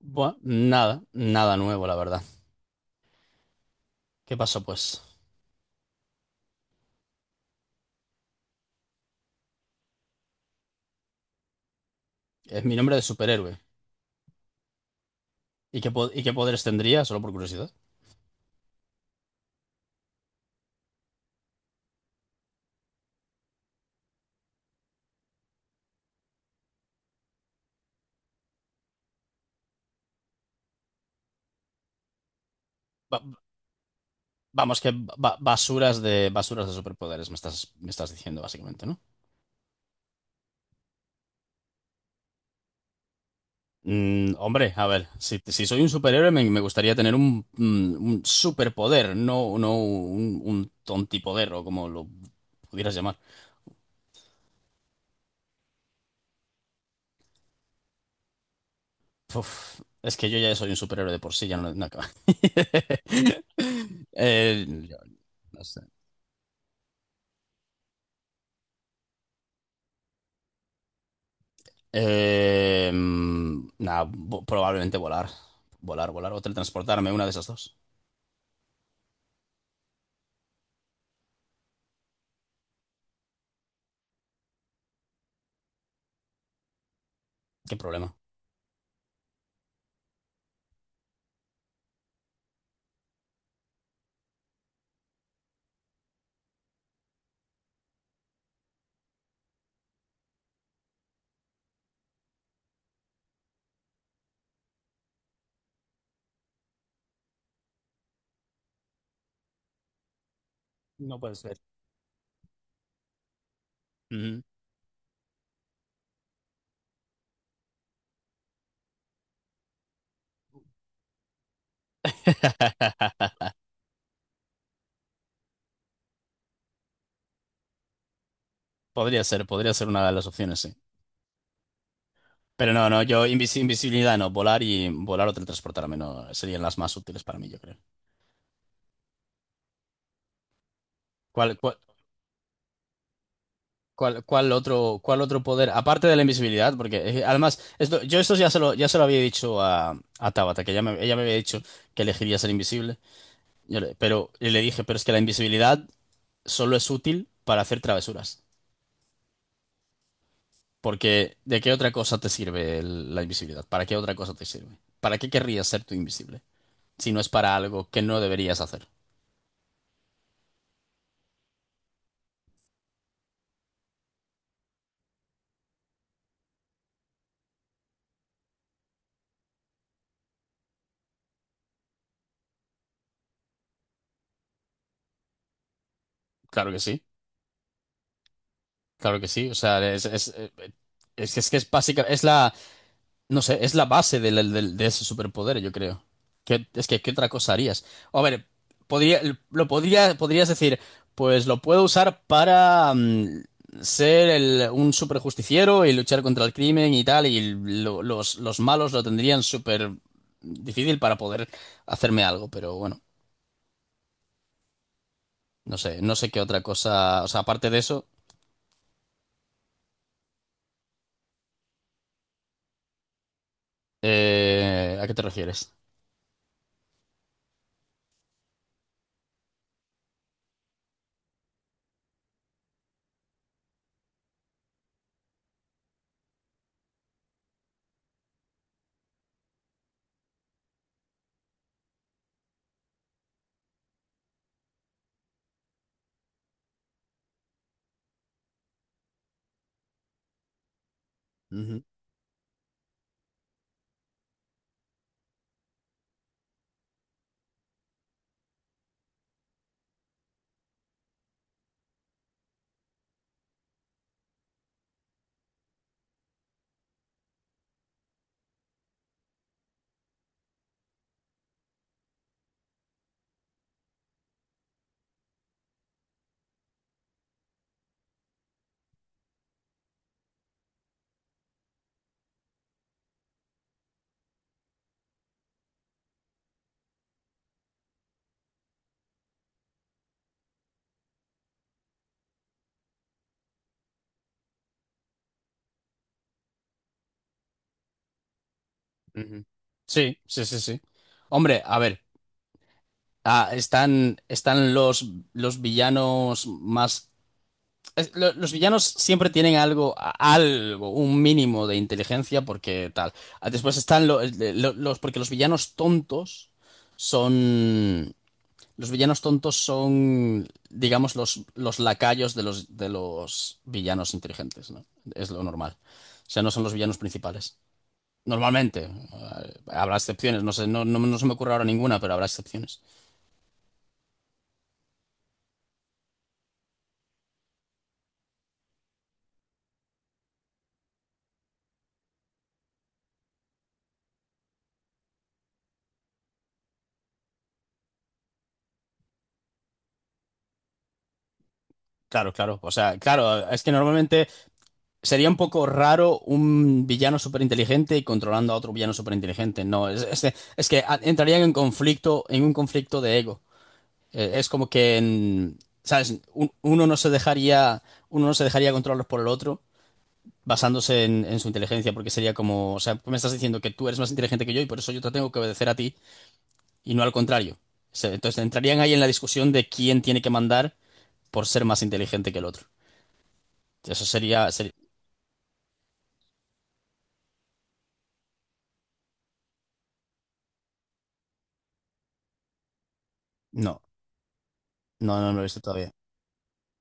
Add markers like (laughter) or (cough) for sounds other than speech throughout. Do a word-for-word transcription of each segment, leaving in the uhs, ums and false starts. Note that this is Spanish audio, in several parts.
Bueno, nada, nada nuevo, la verdad. ¿Qué pasó, pues? Es mi nombre de superhéroe. ¿Y qué, po- y qué poderes tendría? Solo por curiosidad. Ba- Vamos, que ba- basuras de basuras de superpoderes me estás, me estás diciendo, básicamente, ¿no? Mm, hombre, a ver, si, si soy un superhéroe, me, me gustaría tener un, mm, un superpoder, no, no un, un tontipoder o como lo pudieras llamar. Uf, es que yo ya soy un superhéroe de por sí, ya no, no acaba. (laughs) Eh, yo no sé. Eh, nada, vo- probablemente volar. Volar, volar o teletransportarme, una de esas dos. ¿Qué problema? No puede ser. Ujú. (laughs) Podría ser, podría ser una de las opciones, sí. Pero no, no, yo invisi- invisibilidad no, volar y volar o teletransportarme no serían las más útiles para mí, yo creo. ¿Cuál, cuál, cuál, ¿Cuál otro, cuál otro poder? Aparte de la invisibilidad, porque eh, además, esto, yo esto ya se lo, ya se lo había dicho a, a Tabata, que ella me, ella me había dicho que elegiría ser invisible. Yo le- pero y le dije, pero es que la invisibilidad solo es útil para hacer travesuras. Porque ¿de qué otra cosa te sirve el- la invisibilidad? ¿Para qué otra cosa te sirve? ¿Para qué querrías ser tú invisible? Si no es para algo que no deberías hacer. Claro que sí, claro que sí. O sea, es, es, eh, es, que es que es básica, es la, no sé, es la base del- del- del- de ese superpoder, yo creo. ¿Qué- es que, ¿qué otra cosa harías? A ver, podría, lo podría, podrías decir, pues lo puedo usar para mm, ser el- un superjusticiero y luchar contra el crimen y tal, y lo- los, los malos lo tendrían súper difícil para poder hacerme algo, pero bueno, no sé, no sé qué otra cosa, o sea, aparte de eso, eh, ¿a qué te refieres? Ujú, ujú. Sí, sí, sí, sí. Hombre, a ver. Ah, están, están los, los villanos más... es- lo- Los villanos siempre tienen algo, a- algo, un mínimo de inteligencia porque tal. Ah, después están lo- eh, lo- los, porque los villanos tontos son, los villanos tontos son, digamos, los, los lacayos de los, de los villanos inteligentes, ¿no? Es lo normal. O sea, no son los villanos principales. Normalmente. Ah, habrá excepciones, no sé, no, no no se me ocurre ahora ninguna, pero habrá excepciones. Claro, claro. O sea, claro, es que normalmente sería un poco raro un villano súper inteligente y controlando a otro villano súper inteligente. No, es, es- es que a- entrarían en conflicto, en un conflicto de ego. Eh, es como que, mm, ¿sabes? Un- Uno no se dejaría, uno no se dejaría controlar por el otro basándose en, en su inteligencia, porque sería como, o sea, me estás diciendo que tú eres más inteligente que yo y por eso yo te tengo que obedecer a ti y no al contrario. Se- Entonces entrarían ahí en la discusión de quién tiene que mandar por ser más inteligente que el otro. Eso sería, sería- No, no, no no lo he visto todavía.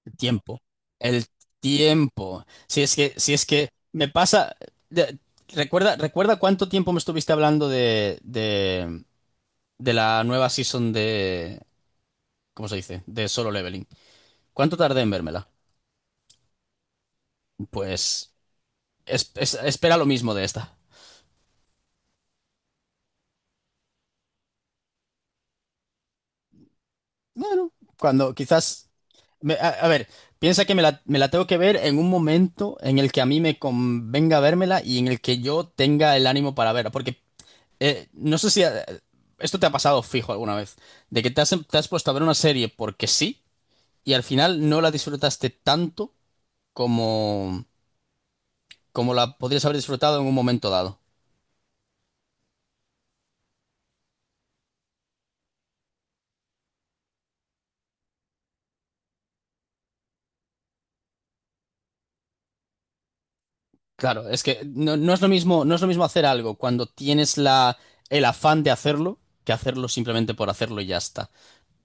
El tiempo. El tiempo. Si es que, si es que me pasa. de- Recuerda, recuerda cuánto tiempo me estuviste hablando de, de, de la nueva season de. ¿Cómo se dice? De Solo Leveling. ¿Cuánto tardé en vérmela? Pues es- es- espera lo mismo de esta. Bueno, cuando quizás. Me- a, a ver, piensa que me la, me la tengo que ver en un momento en el que a mí me convenga vérmela y en el que yo tenga el ánimo para verla. Porque eh, no sé si eh, esto te ha pasado fijo alguna vez, de que te has, te has puesto a ver una serie porque sí y al final no la disfrutaste tanto como, como la podrías haber disfrutado en un momento dado. Claro, es que no, no es lo mismo, no es lo mismo hacer algo cuando tienes la, el afán de hacerlo que hacerlo simplemente por hacerlo y ya está.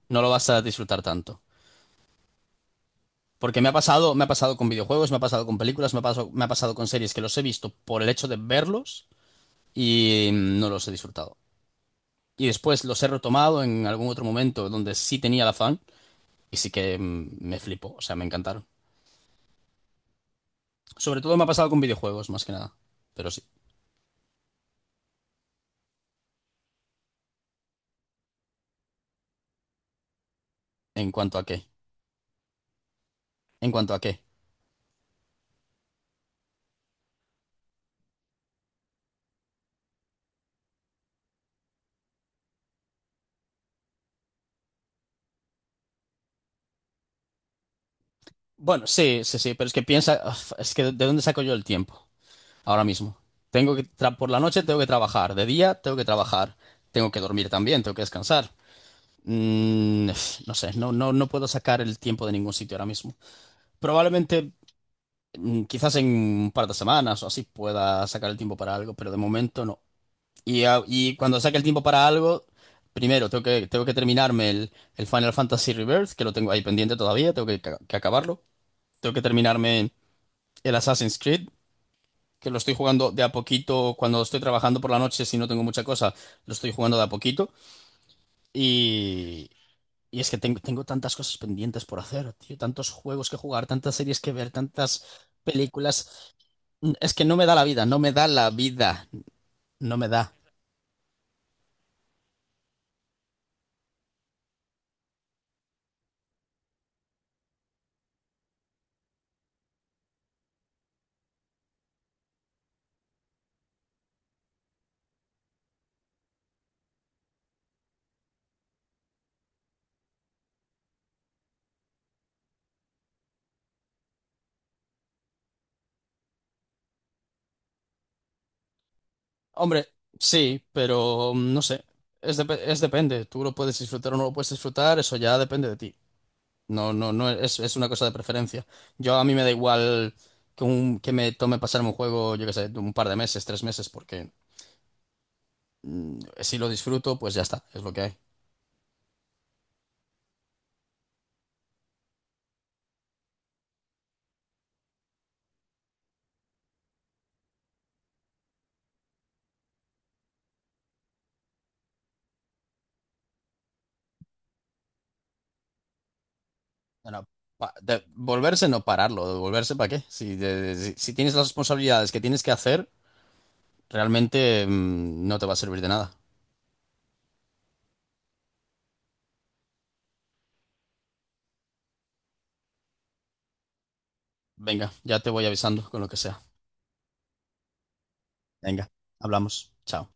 No lo vas a disfrutar tanto. Porque me ha pasado, me ha pasado con videojuegos, me ha pasado con películas, me ha pasado, me ha pasado con series que los he visto por el hecho de verlos y no los he disfrutado. Y después los he retomado en algún otro momento donde sí tenía la fan y sí que mm, me flipó, o sea, me encantaron. Sobre todo me ha pasado con videojuegos, más que nada. Pero sí, en cuanto a qué. En cuanto a qué. Bueno, sí, sí, sí, pero es que piensa, uf, es que ¿de dónde saco yo el tiempo? Ahora mismo. Tengo que, tra- por la noche tengo que trabajar, de día tengo que trabajar, tengo que dormir también, tengo que descansar. Mm, uf, no sé, no, no, no puedo sacar el tiempo de ningún sitio ahora mismo. Probablemente mm, quizás en un par de semanas o así pueda sacar el tiempo para algo, pero de momento no. Y, a- y cuando saque el tiempo para algo, primero tengo que, tengo que terminarme el, el Final Fantasy Rebirth, que lo tengo ahí pendiente todavía, tengo que, ca- que acabarlo. Tengo que terminarme el Assassin's Creed, que lo estoy jugando de a poquito cuando estoy trabajando por la noche, si no tengo mucha cosa, lo estoy jugando de a poquito. Y, y es que tengo, tengo tantas cosas pendientes por hacer, tío, tantos juegos que jugar, tantas series que ver, tantas películas. Es que no me da la vida, no me da la vida, no me da. Hombre, sí, pero mm, no sé, es, depe- es depende, tú lo puedes disfrutar o no lo puedes disfrutar, eso ya depende de ti. No, no, no, es, es una cosa de preferencia. Yo a mí me da igual que, un, que me tome pasarme un juego, yo qué sé, un par de meses, tres meses, porque mm, si lo disfruto, pues ya está, es lo que hay. No, no, pa- de- volverse no pararlo, de volverse para qué. Si, de- de- si, si tienes las responsabilidades que tienes que hacer, realmente mm, no te va a servir de nada. Venga, ya te voy avisando con lo que sea. Venga, hablamos. Chao.